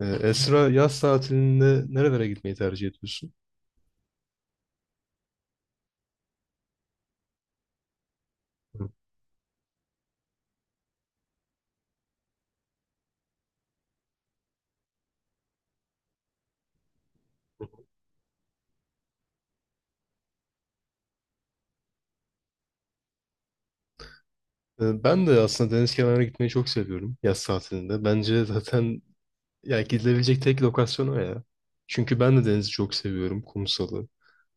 Esra, yaz tatilinde nerelere gitmeyi tercih ediyorsun? Hı. Ben de aslında deniz kenarına gitmeyi çok seviyorum yaz tatilinde. Bence zaten ya gidilebilecek tek lokasyon o ya. Çünkü ben de denizi çok seviyorum, kumsalı.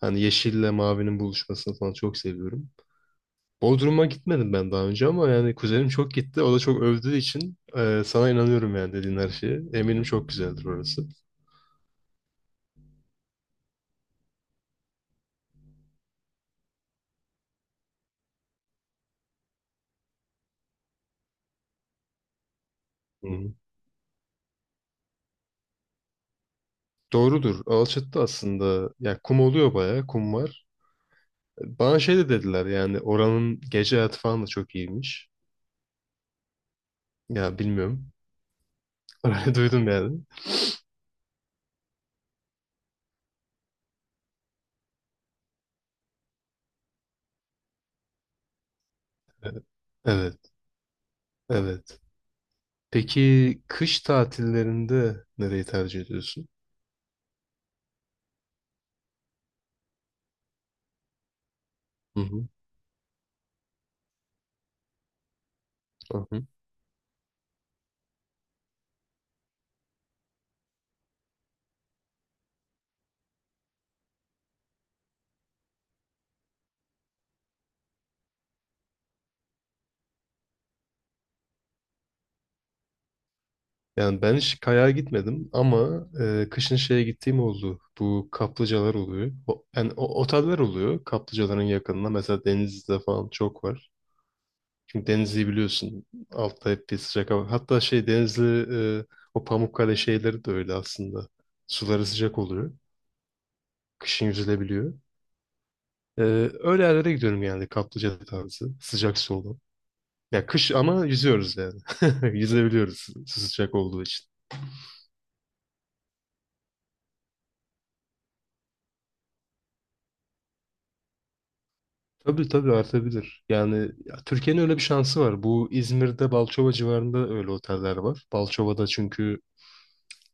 Hani yeşille mavinin buluşmasını falan çok seviyorum. Bodrum'a gitmedim ben daha önce ama yani kuzenim çok gitti. O da çok övdüğü için sana inanıyorum yani dediğin her şeye. Eminim çok güzeldir orası. Hı hı. Doğrudur. Alçattı aslında. Ya kum oluyor bayağı. Kum var. Bana şey de dediler yani oranın gece hayatı falan da çok iyiymiş. Ya bilmiyorum. Öyle duydum yani. Evet, evet. Evet. Peki kış tatillerinde nereyi tercih ediyorsun? Hı hı, hı hı. Yani ben hiç kayağa gitmedim ama kışın şeye gittiğim oldu. Bu kaplıcalar oluyor. O, yani o, oteller oluyor kaplıcaların yakınında. Mesela Denizli'de falan çok var. Çünkü Denizli'yi biliyorsun. Altta hep bir sıcak hava. Hatta şey Denizli e, o Pamukkale şeyleri de öyle aslında. Suları sıcak oluyor. Kışın yüzülebiliyor. E, öyle yerlere gidiyorum yani kaplıca tarzı. Sıcak su olan. Ya kış ama yüzüyoruz yani. Yüzebiliyoruz sıcak olduğu için. Tabii tabii artabilir. Yani ya Türkiye'nin öyle bir şansı var. Bu İzmir'de Balçova civarında öyle oteller var. Balçova'da çünkü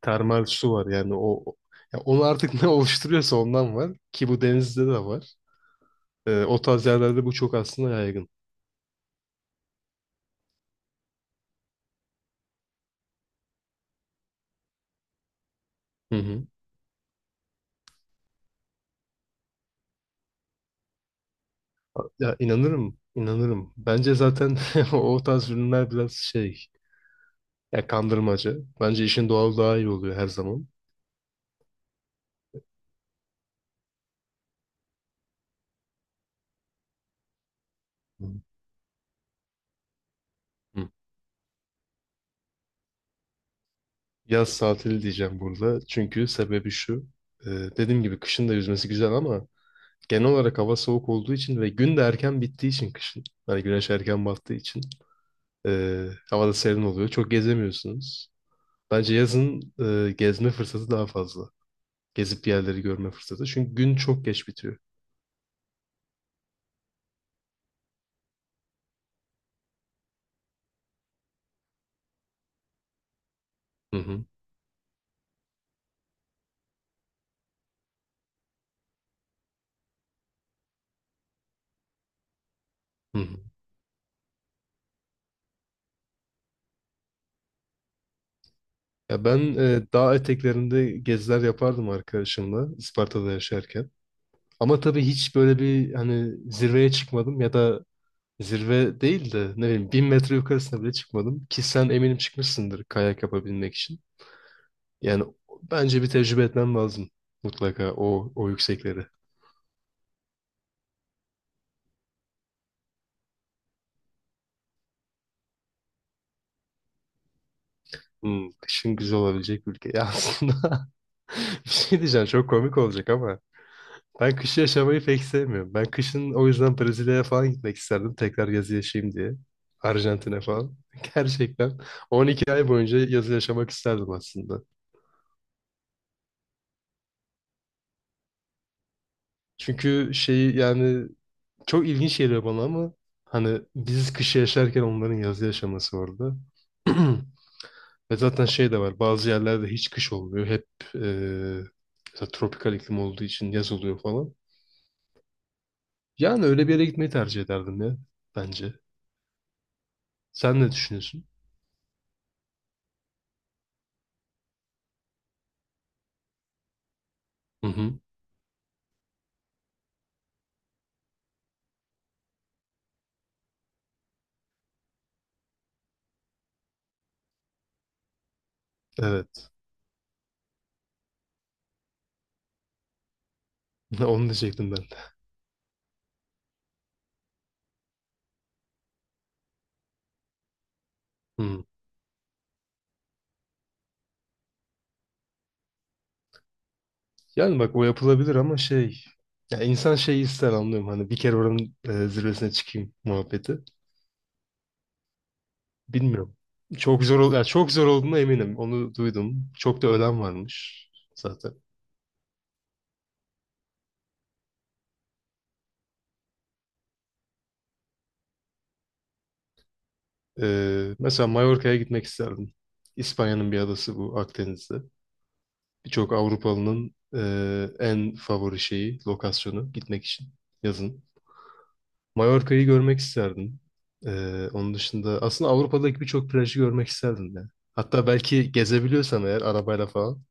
termal su var. Yani o ya onu artık ne oluşturuyorsa ondan var. Ki bu denizde de var. O tarz yerlerde bu çok aslında yaygın. Hı hı. Ya inanırım, inanırım. Bence zaten o tarz ürünler biraz şey, ya kandırmaca. Bence işin doğal daha iyi oluyor her zaman. Hı. Hı. Yaz tatili diyeceğim burada. Çünkü sebebi şu. e, dediğim gibi kışın da yüzmesi güzel ama genel olarak hava soğuk olduğu için ve gün de erken bittiği için kışın. Hani güneş erken battığı için e, hava da serin oluyor. Çok gezemiyorsunuz. Bence yazın gezme fırsatı daha fazla. Gezip bir yerleri görme fırsatı. Çünkü gün çok geç bitiyor. Hı hı. Hı hı. Ya ben dağ eteklerinde geziler yapardım arkadaşımla Isparta'da yaşarken. Ama tabii hiç böyle bir hani zirveye çıkmadım ya da zirve değil de ne bileyim 1.000 metre yukarısına bile çıkmadım. Ki sen eminim çıkmışsındır kayak yapabilmek için. Yani bence bir tecrübe etmem lazım mutlaka o yüksekleri. Hmm, kışın güzel olabilecek bir ülke. Ya aslında bir şey diyeceğim çok komik olacak ama ben kışı yaşamayı pek sevmiyorum. Ben kışın o yüzden Brezilya'ya falan gitmek isterdim. Tekrar yazı yaşayayım diye. Arjantin'e falan. Gerçekten 12 ay boyunca yazı yaşamak isterdim aslında. Çünkü şeyi yani çok ilginç geliyor bana ama hani biz kışı yaşarken onların yazı yaşaması orada. Ve zaten şey de var. Bazı yerlerde hiç kış olmuyor. Hep e, mesela tropikal iklim olduğu için yaz oluyor falan. Yani öyle bir yere gitmeyi tercih ederdim ya bence. Sen ne düşünüyorsun? Hı hı. Evet. Onu diyecektim ben de. Hmm. Yani bak o yapılabilir ama şey... Ya insan şeyi ister anlıyorum. Hani bir kere oranın zirvesine çıkayım muhabbeti. Bilmiyorum. Çok zor olduğuna eminim. Onu duydum. Çok da ölen varmış zaten. Mesela Mallorca'ya gitmek isterdim. İspanya'nın bir adası bu Akdeniz'de. Birçok Avrupalı'nın en favori şeyi, lokasyonu gitmek için yazın. Mallorca'yı görmek isterdim. Onun dışında aslında Avrupa'daki birçok plajı görmek isterdim ya. Hatta belki gezebiliyorsam eğer arabayla falan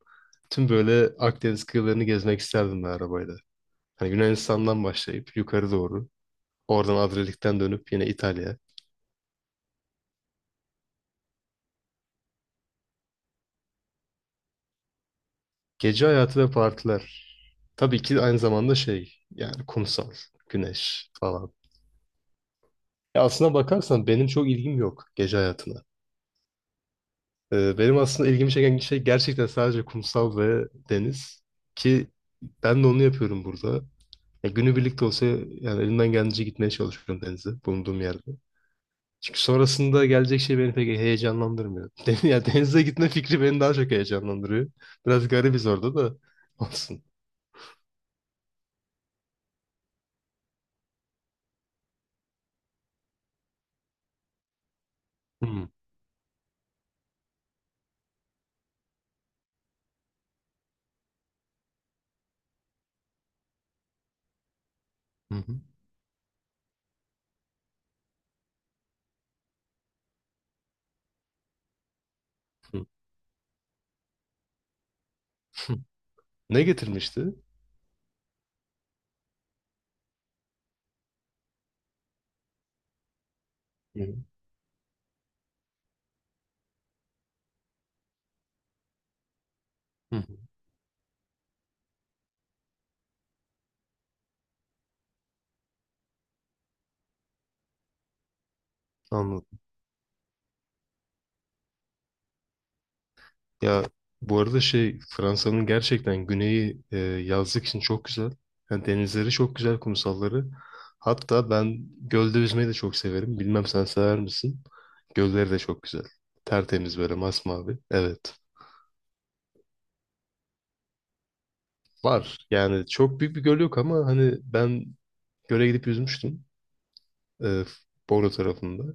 tüm böyle Akdeniz kıyılarını gezmek isterdim ben arabayla. Hani Yunanistan'dan başlayıp yukarı doğru, oradan Adriyatik'ten dönüp yine İtalya. Gece hayatı ve partiler. Tabii ki aynı zamanda şey yani kumsal, güneş falan. Ya aslına bakarsan benim çok ilgim yok gece hayatına. Benim aslında ilgimi çeken şey gerçekten sadece kumsal ve deniz ki ben de onu yapıyorum burada. Ya günü birlikte olsa yani elimden geldiğince gitmeye çalışıyorum denize bulunduğum yerde. Çünkü sonrasında gelecek şey beni pek heyecanlandırmıyor. Ya denize gitme fikri beni daha çok heyecanlandırıyor. Biraz garibiz orada da olsun. Hı hı. Hı hı. Hı. Ne getirmişti? Hı. Hı. Hı hı. Anladım. Ya bu arada şey Fransa'nın gerçekten güneyi yazlık için çok güzel. Yani denizleri çok güzel, kumsalları. Hatta ben gölde yüzmeyi de çok severim. Bilmem sen sever misin? Gölleri de çok güzel. Tertemiz böyle masmavi. Evet. Var. Yani çok büyük bir göl yok ama hani ben göle gidip yüzmüştüm. E, Bolu tarafında.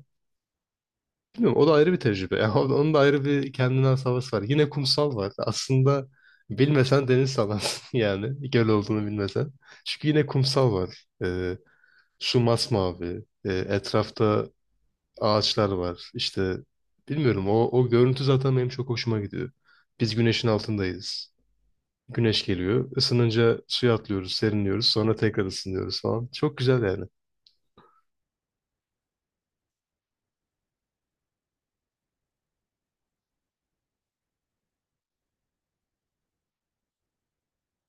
Bilmiyorum, o da ayrı bir tecrübe. Yani onun da ayrı bir kendine has havası var. Yine kumsal var. Aslında bilmesen deniz sanarsın yani. Göl olduğunu bilmesen. Çünkü yine kumsal var. Su masmavi. Etrafta ağaçlar var. İşte bilmiyorum o görüntü zaten benim çok hoşuma gidiyor. Biz güneşin altındayız. Güneş geliyor. Isınınca suya atlıyoruz, serinliyoruz. Sonra tekrar ısınıyoruz falan. Çok güzel yani.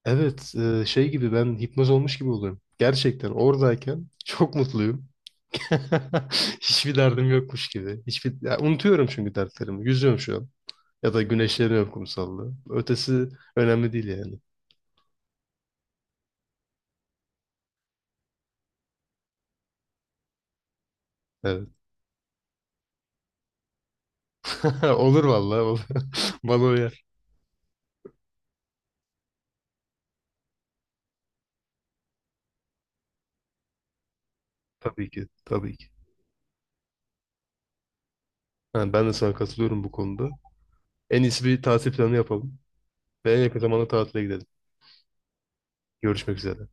Evet, şey gibi ben hipnoz olmuş gibi oluyorum. Gerçekten oradayken çok mutluyum. Hiçbir derdim yokmuş gibi. Hiçbir ya unutuyorum çünkü dertlerimi. Yüzüyorum şu an. Ya da güneşleniyorum kumsalda. Ötesi önemli değil yani. Evet. Olur vallahi olur. Bana uyar. Tabii ki. Tabii ki. Ha, ben de sana katılıyorum bu konuda. En iyisi bir tatil planı yapalım. Ve en yakın zamanda tatile gidelim. Görüşmek üzere.